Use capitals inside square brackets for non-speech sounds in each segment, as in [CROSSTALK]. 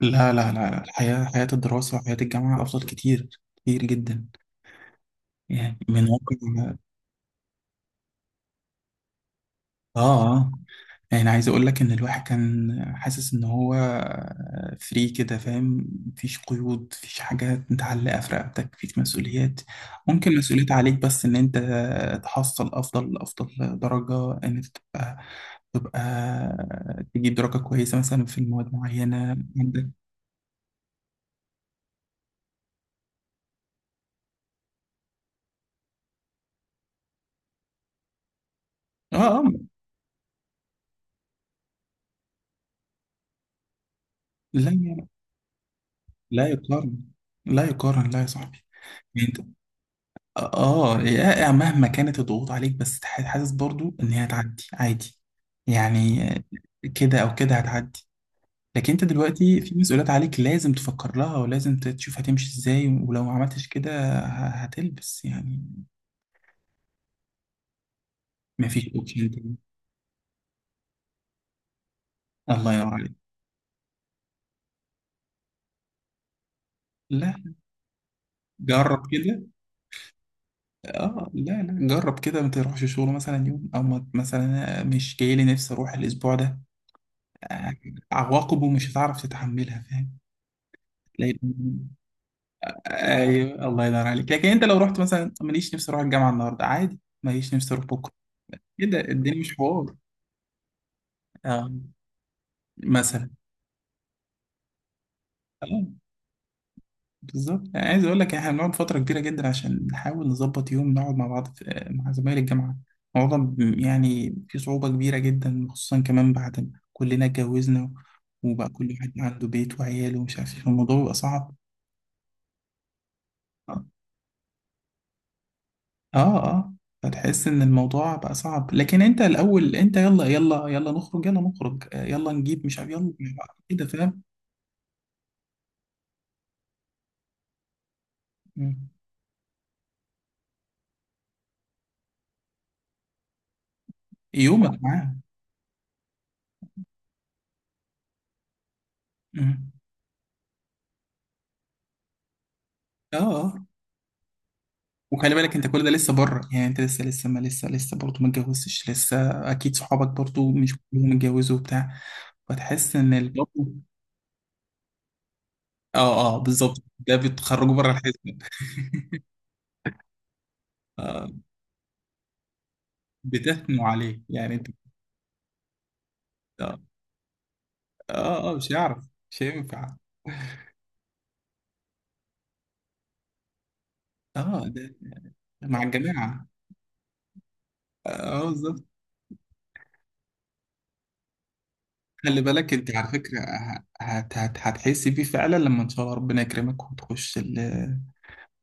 لا، لا، لا، الحياة حياة الدراسة وحياة الجامعة أفضل كتير، كتير جدا. يعني من واقع، آه آه يعني عايز أقول لك إن الواحد كان حاسس إن هو فري كده. فاهم؟ مفيش قيود، مفيش حاجة متعلقة في رقبتك، مفيش مسؤوليات. ممكن مسؤوليات عليك بس إن أنت تحصل أفضل درجة، إن أنت تبقى تجيب درجة كويسة مثلا في المواد معينة عندك. آه، آه. لا لا يقارن لا، لا يقارن، لا يا صاحبي. يعني انت، مهما كانت الضغوط عليك بس حاسس برضو ان هي هتعدي عادي. يعني كده او كده هتعدي. لكن انت دلوقتي في مسؤوليات عليك، لازم تفكر لها ولازم تشوف هتمشي ازاي، ولو ما عملتش كده هتلبس يعني. مفيش اوبشن تاني. الله ينور عليك. لا، جرب كده. لا، جرب كده. ما تروحش شغل مثلا يوم، او مثلا مش جاي لي نفسي اروح الاسبوع ده. آه، عواقبه مش هتعرف تتحملها. فاهم؟ ايوه الله ينور عليك. لكن انت لو رحت مثلا، ماليش نفسي اروح الجامعه النهارده عادي، ماليش نفسي اروح بكره كده. الدنيا مش حوار. اه، مثلا. اه، بالظبط. يعني عايز اقول لك، احنا بنقعد فتره كبيره جدا عشان نحاول نظبط يوم نقعد مع بعض، في مع زمايل الجامعه الموضوع يعني في صعوبه كبيره جدا، خصوصا كمان بعد ما كلنا اتجوزنا وبقى كل واحد عنده بيت وعياله ومش عارف ايه. الموضوع بيبقى صعب. اه، اه. فتحس ان الموضوع بقى صعب. لكن انت الاول انت، يلا يلا يلا نخرج، يلا نخرج، يلا نجيب مش عارف، يلا مش عارف كده. فاهم؟ مم. يومك معاه. مم. اه، اه. وخلي بالك انت كل ده لسه بره. يعني انت لسه ما لسه لسه برضه ما اتجوزتش لسه. اكيد صحابك برضه مش كلهم اتجوزوا وبتاع. فتحس ان برضه، اه، اه، بالظبط. ده بتخرجوا بره الحزب. [LAUGHS] آه. بتثنوا عليه يعني انت. اه، اه، مش هيعرف. مش هينفع. اه، ده مع الجماعة. اه، بالظبط. خلي بالك انت على فكرة، ه- هت هت هتحسي بيه فعلا لما ان شاء الله ربنا يكرمك وتخش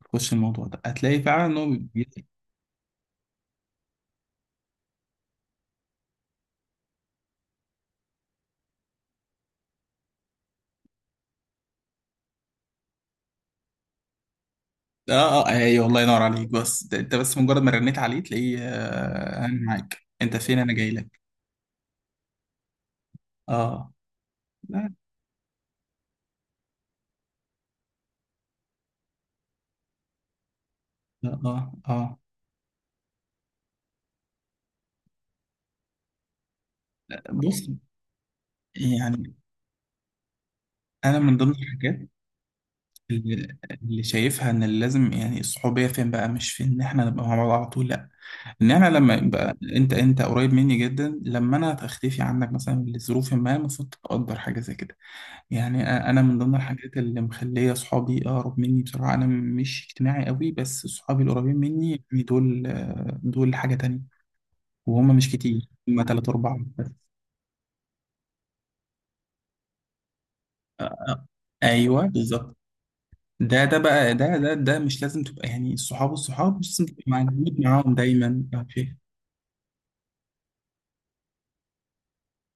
تخش الموضوع ده، هتلاقي فعلا ان هو بي- اه، اه، ايوه الله ينور عليك. بس ده انت بس مجرد ما رنيت عليه، تلاقيه آه انا معاك، انت فين؟ انا جاي لك. اه، لا. اه، اه، آه. بص، يعني انا من ضمن الحاجات اللي اللي شايفها ان اللي لازم، يعني الصحوبيه فين بقى؟ مش فين ان احنا نبقى مع بعض على طول، لا. ان انا لما يبقى انت قريب مني جدا، لما انا هختفي عنك مثلا لظروف ما، المفروض تقدر حاجه زي كده. يعني انا من ضمن الحاجات اللي مخليه صحابي اقرب مني بصراحه. انا مش اجتماعي قوي، بس صحابي القريبين مني، يعني دول دول حاجه تانية. وهم مش كتير، هم تلاتة أربعة بس. آه، آه. أيوه بالظبط. ده بقى، ده مش لازم تبقى، يعني الصحاب مش لازم تبقى موجود معاهم دايما. اه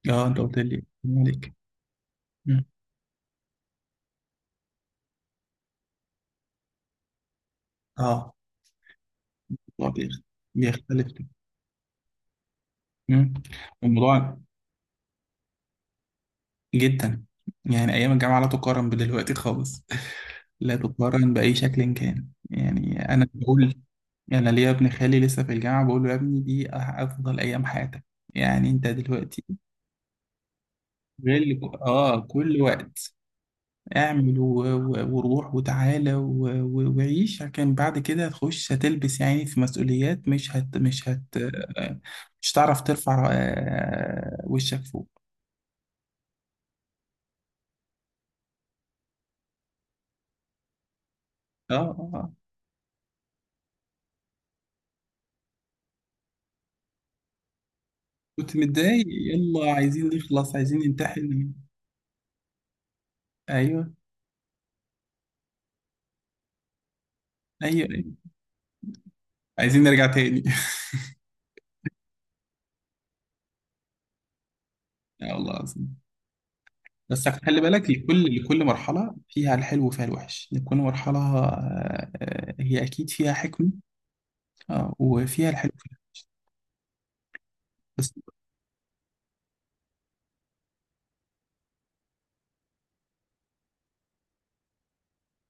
آه، انت قلت لي. عليك. مم. اه. الموضوع بيختلف. مم. الموضوع جدا، يعني ايام الجامعه لا تقارن بدلوقتي خالص. لا تقارن باي شكل كان. يعني انا بقول، انا ليا ابن خالي لسه في الجامعه، بقول له يا ابني دي افضل ايام حياتك. يعني انت دلوقتي غير. اه، كل وقت اعمل، وروح وتعالى، و... وعيش. لكن بعد كده هتخش، هتلبس يعني، في مسؤوليات مش هتعرف ترفع وشك فوق. اه، آه، آه. كنت متضايق، يلا عايزين نخلص، عايزين ننتحل. ايوه، ايوه، ايوه، عايزين نرجع تاني. [LAUGHS] يا الله العظيم. بس خلي بالك، لكل مرحله فيها الحلو وفيها الوحش. لكل مرحله آه، آه، هي اكيد فيها حكمه. آه، وفيها الحلو وفيها بس.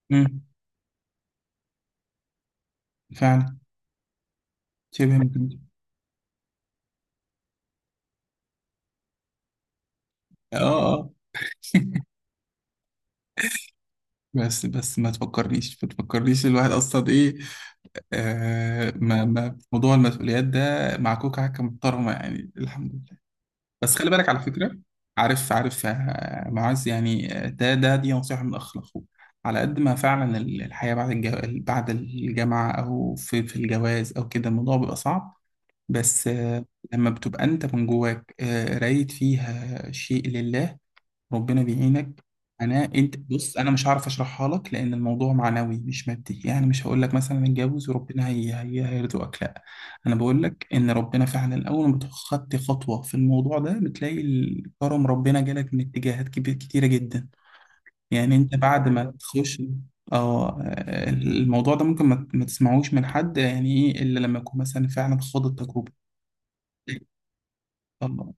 مم، فعلا. شبه ممكن. اه، اه. [LAUGHS] بس، بس ما تفكرنيش، ما تفكرنيش الواحد اصلا ايه. آه ما ما موضوع المسؤوليات ده مع كوكا حكه محترمه يعني، الحمد لله. بس خلي بالك على فكرة، عارف، عارف آه، معاذ يعني، آه، ده ده دي نصيحة من أخ لأخوه. على قد ما فعلا الحياة بعد بعد الجامعة أو في في الجواز أو كده، الموضوع بيبقى صعب. بس آه، لما بتبقى أنت من جواك آه، رايد فيها شيء لله، ربنا بيعينك. انا انت بص، انا مش هعرف اشرحها لك، لان الموضوع معنوي مش مادي. يعني مش هقول لك مثلا اتجوز وربنا هي هي هيرزقك، لا. انا بقول لك ان ربنا فعلا اول ما خدت خطوه في الموضوع ده، بتلاقي الكرم، ربنا جالك من اتجاهات كبير كتيره جدا. يعني انت بعد ما بالظبط تخش. اه الموضوع ده ممكن ما تسمعوش من حد، يعني ايه الا لما يكون مثلا فعلا خاض التجربه. الله.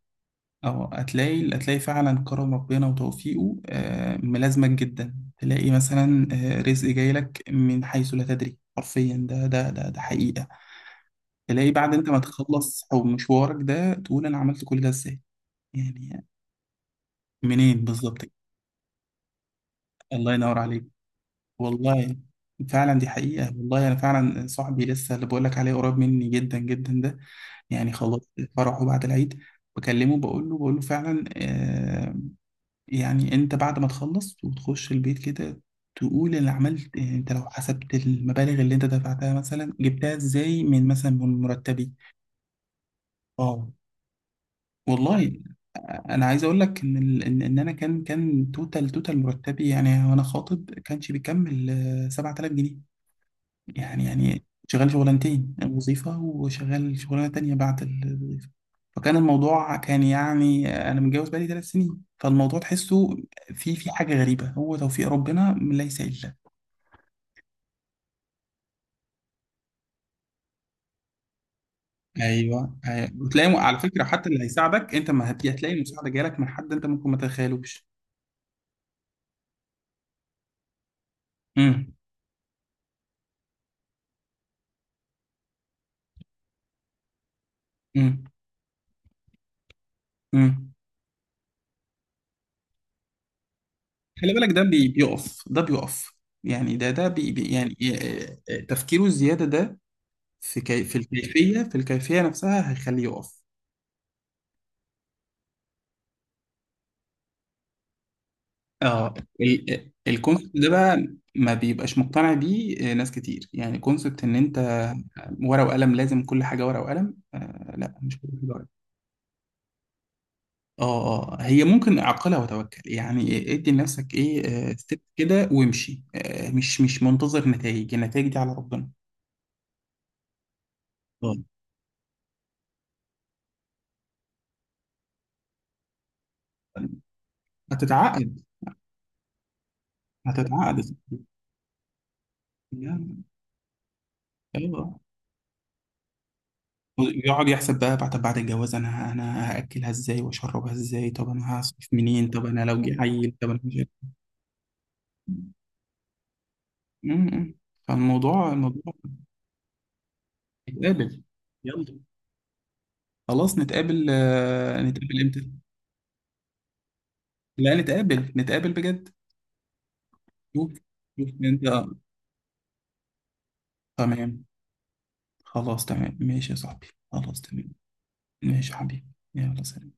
اه هتلاقي، هتلاقي فعلا كرم ربنا وتوفيقه آه، ملازمك جدا. تلاقي مثلا آه، رزق جاي لك من حيث لا تدري حرفيا. ده حقيقة. تلاقي بعد انت ما تخلص او مشوارك ده، تقول انا عملت كل ده ازاي؟ يعني منين بالظبط كده؟ الله ينور عليك، والله. فعلا دي حقيقة. والله انا فعلا صاحبي لسه اللي بقول لك عليه قريب مني جدا جدا ده، يعني خلاص، فرحه بعد العيد بكلمه، بقول له، بقول له فعلا آه، يعني انت بعد ما تخلص وتخش البيت كده، تقول انا عملت، يعني انت لو حسبت المبالغ اللي انت دفعتها، مثلا جبتها ازاي من مثلا من مرتبي؟ اه والله. انا عايز اقول لك ان ال- ان إن انا كان توتال مرتبي يعني، وانا خاطب، كانش بيكمل 7000 جنيه. يعني، يعني شغال شغلانتين، وظيفة وشغال شغلانة تانية بعد الوظيفة. فكان الموضوع كان يعني، أنا متجوز بقالي 3 سنين، فالموضوع تحسه في في حاجة غريبة. هو توفيق ربنا من ليس إلا. ايوه، أيوة. وتلاقي على فكره حتى اللي هيساعدك انت، ما هت- هتلاقي المساعده جالك من حد انت ممكن ما تتخيلوش. امم. امم. امم. خلي بالك ده بيقف، ده بيقف. يعني ده يعني آه، آه، تفكيره الزياده ده، في الكيفيه، في الكيفيه نفسها هيخليه يقف. اه، الكونسبت ده بقى ما بيبقاش مقتنع بيه آه، ناس كتير. يعني كونسبت ان انت ورقه وقلم، لازم كل حاجه ورقه وقلم. آه، لا مش كل حاجه ورقه. اه، اه، هي ممكن عقلها وتوكل. يعني ادي لنفسك ايه، آه، ستيب كده وامشي. آه، مش منتظر نتائج. النتائج دي على ربنا. آه. هتتعقد. هتتعقد يعني. ايوه. يقعد يحسب بقى، بعد بعد الجواز، انا هاكلها ازاي واشربها ازاي؟ طب انا هصرف منين؟ طب انا لو جه عيل؟ طب انا مش عارف. مم. فالموضوع. نتقابل. يلا. خلاص نتقابل، آه، نتقابل امتى؟ لا، نتقابل، نتقابل بجد. شوف، شوف انت آه، تمام. خلاص تمام ماشي يا صاحبي. خلاص تمام. ماشي يا حبيبي. يلا، سلام.